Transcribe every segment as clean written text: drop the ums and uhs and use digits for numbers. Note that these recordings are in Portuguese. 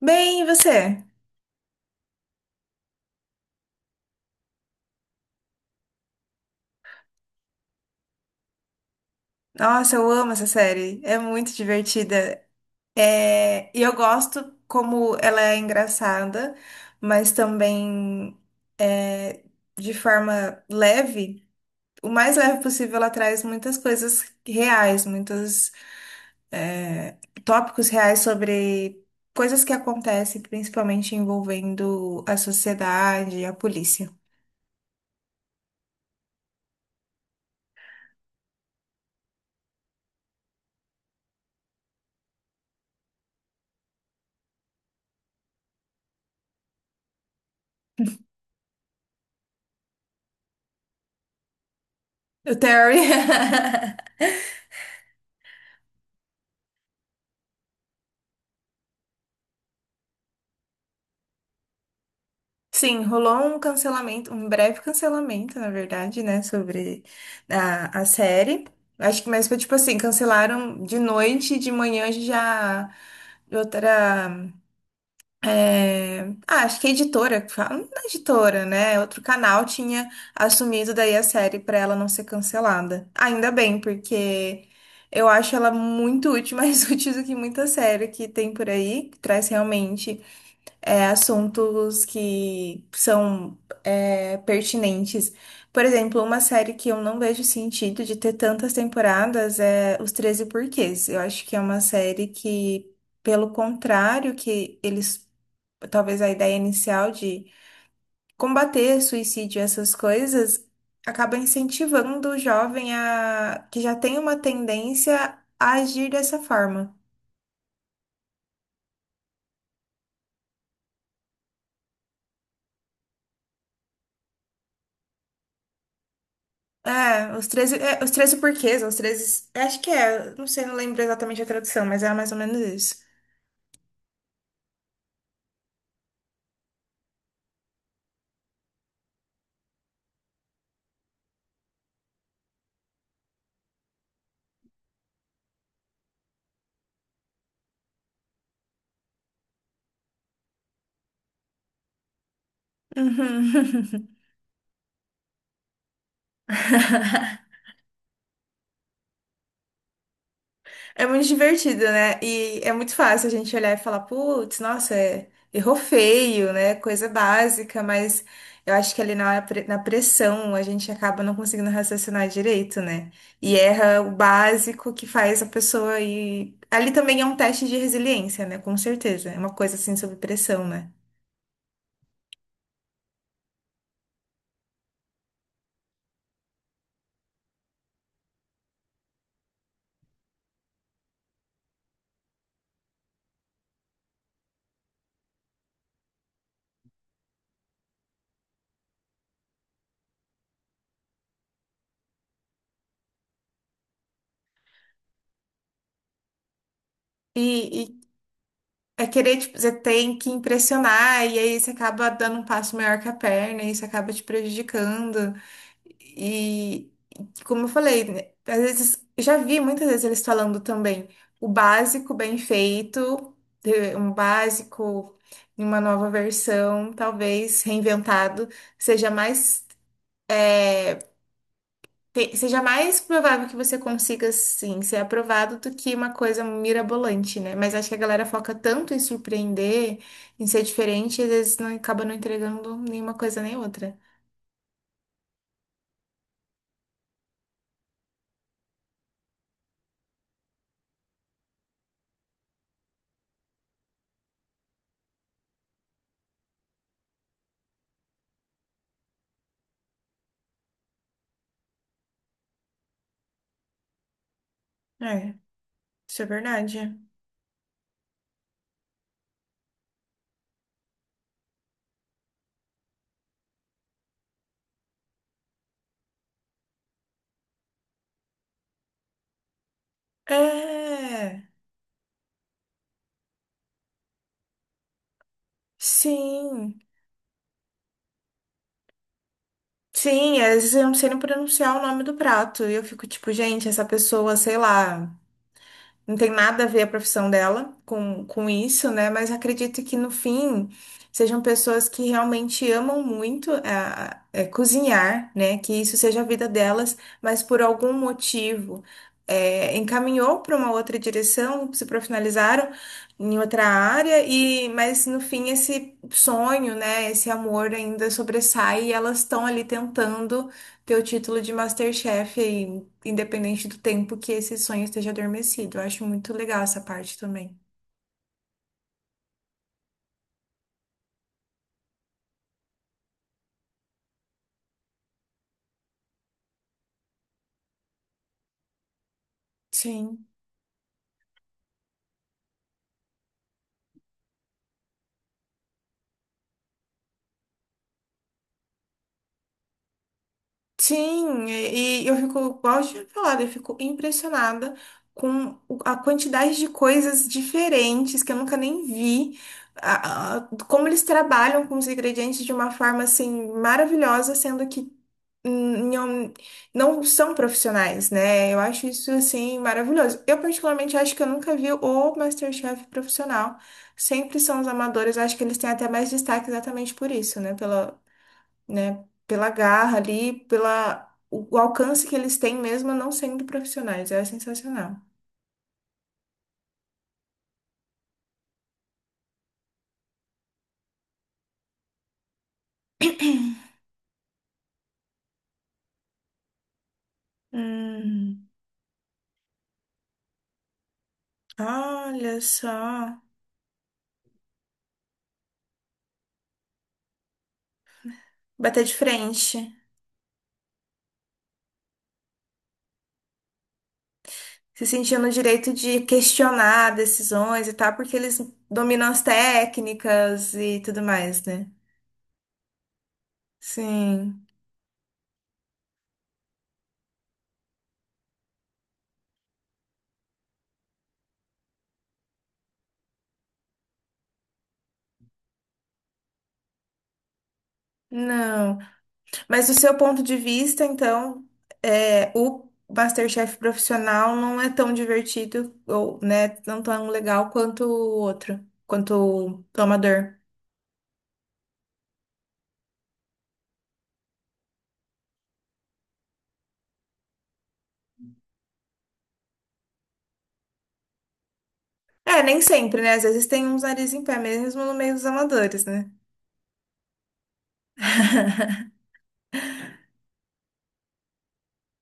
Bem, e você? Nossa, eu amo essa série. É muito divertida. E eu gosto como ela é engraçada, mas também é, de forma leve. O mais leve possível, ela traz muitas coisas reais, muitos é, tópicos reais sobre coisas que acontecem, principalmente envolvendo a sociedade e a polícia. O Terry. Sim, rolou um cancelamento, um breve cancelamento, na verdade, né, sobre a série. Acho que mais foi tipo assim, cancelaram de noite e de manhã já outra. Ah, acho que a editora, que fala, não é editora, né? É outro canal tinha assumido daí a série pra ela não ser cancelada. Ainda bem, porque eu acho ela muito útil, mais útil do que muita série que tem por aí, que traz realmente assuntos que são pertinentes. Por exemplo, uma série que eu não vejo sentido de ter tantas temporadas é Os 13 Porquês. Eu acho que é uma série que, pelo contrário, que eles, talvez a ideia inicial de combater suicídio e essas coisas, acaba incentivando o jovem a que já tem uma tendência a agir dessa forma. Os 13 porquês, os 13, acho que é, não sei, não lembro exatamente a tradução, mas é mais ou menos isso. Uhum. É muito divertido, né? E é muito fácil a gente olhar e falar, putz, nossa, é- errou feio, né? Coisa básica, mas eu acho que ali na, hora pre- na pressão a gente acaba não conseguindo raciocinar direito, né? E erra o básico que faz a pessoa ir. Ali também é um teste de resiliência, né? Com certeza. É uma coisa assim sob pressão, né? E é querer, tipo, você tem que impressionar, e aí você acaba dando um passo maior que a perna, e isso acaba te prejudicando. E, como eu falei, né, às vezes, eu já vi muitas vezes eles falando também o básico bem feito, um básico em uma nova versão, talvez reinventado, seja mais, te- seja mais provável que você consiga, sim, ser aprovado do que uma coisa mirabolante, né? Mas acho que a galera foca tanto em surpreender, em ser diferente, e às vezes não acaba não entregando nenhuma coisa nem outra. É, isso é verdade. É, sim. Sim, às vezes eu não sei nem pronunciar o nome do prato. E eu fico tipo, gente, essa pessoa, sei lá. Não tem nada a ver a profissão dela com isso, né? Mas acredito que no fim sejam pessoas que realmente amam muito cozinhar, né? Que isso seja a vida delas, mas por algum motivo encaminhou para uma outra direção, se profissionalizaram em outra área, e mas no fim esse sonho, né? Esse amor ainda sobressai e elas estão ali tentando ter o título de MasterChef aí independente do tempo que esse sonho esteja adormecido. Eu acho muito legal essa parte também. Sim. Sim, e eu fico, igual eu tinha falado, eu fico impressionada com o- a quantidade de coisas diferentes que eu nunca nem vi, a- como eles trabalham com os ingredientes de uma forma assim maravilhosa, sendo que não, não são profissionais, né? Eu acho isso, assim, maravilhoso. Eu, particularmente, acho que eu nunca vi o MasterChef profissional. Sempre são os amadores. Acho que eles têm até mais destaque exatamente por isso, né? Pela, né? Pela garra ali, pela... O o alcance que eles têm mesmo não sendo profissionais. É sensacional. Hum, olha só. Bater de frente. Se sentia no direito de questionar decisões e tal, porque eles dominam as técnicas e tudo mais, né? Sim, não. Mas do seu ponto de vista, então, o MasterChef profissional não é tão divertido, ou, né, não tão legal quanto o outro, quanto o amador. É, nem sempre, né? Às vezes tem uns nariz em pé mesmo no meio dos amadores, né?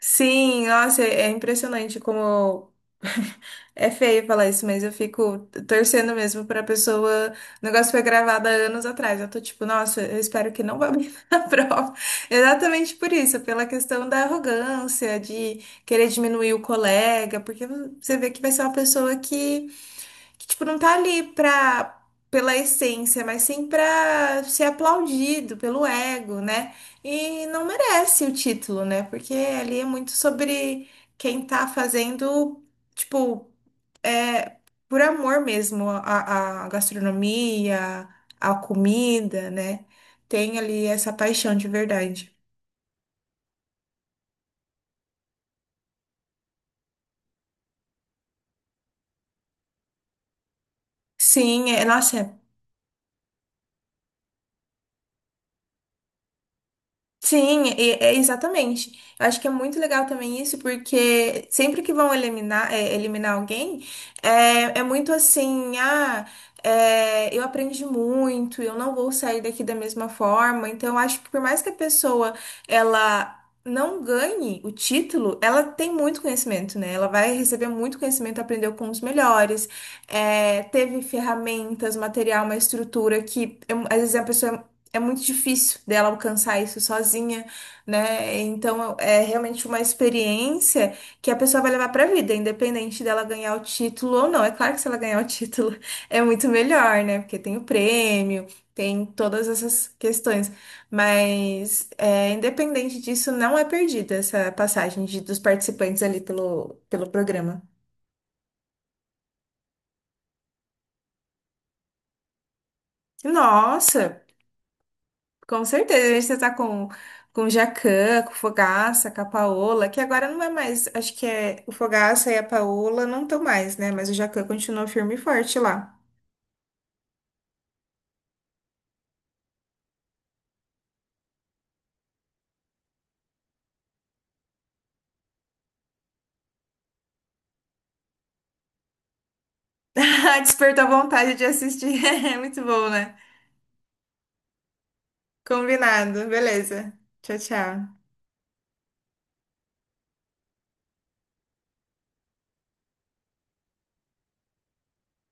Sim, nossa, é impressionante como é feio falar isso, mas eu fico torcendo mesmo pra pessoa. O negócio foi gravado há anos atrás. Eu tô tipo, nossa, eu espero que não vá bem na prova. Exatamente por isso, pela questão da arrogância, de querer diminuir o colega, porque você vê que vai ser uma pessoa que, tipo, não tá ali pra, pela essência, mas sim pra ser aplaudido pelo ego, né? E não merece o título, né? Porque ali é muito sobre quem tá fazendo, tipo, por amor mesmo à, à gastronomia, à comida, né? Tem ali essa paixão de verdade. Sim, é, nossa, é. Sim, e- é, exatamente. Eu acho que é muito legal também isso, porque sempre que vão eliminar, eliminar alguém, é, é muito assim, ah, é, eu aprendi muito, eu não vou sair daqui da mesma forma. Então, eu acho que por mais que a pessoa, ela não ganhe o título, ela tem muito conhecimento, né? Ela vai receber muito conhecimento, aprendeu com os melhores, teve ferramentas, material, uma estrutura que, é, às vezes, a pessoa é muito difícil dela alcançar isso sozinha, né? Então é realmente uma experiência que a pessoa vai levar para a vida, independente dela ganhar o título ou não. É claro que se ela ganhar o título é muito melhor, né? Porque tem o prêmio, tem todas essas questões. Mas é, independente disso, não é perdida essa passagem de- dos participantes ali pelo, pelo programa. Nossa! Com certeza, a gente já tá com o jacan, com o Fogaça, com a Paola, que agora não é mais, acho que é o Fogaça e a Paola não estão mais, né? Mas o jacan continua firme e forte lá. Despertou a vontade de assistir. É muito bom, né? Combinado, beleza. Tchau, tchau.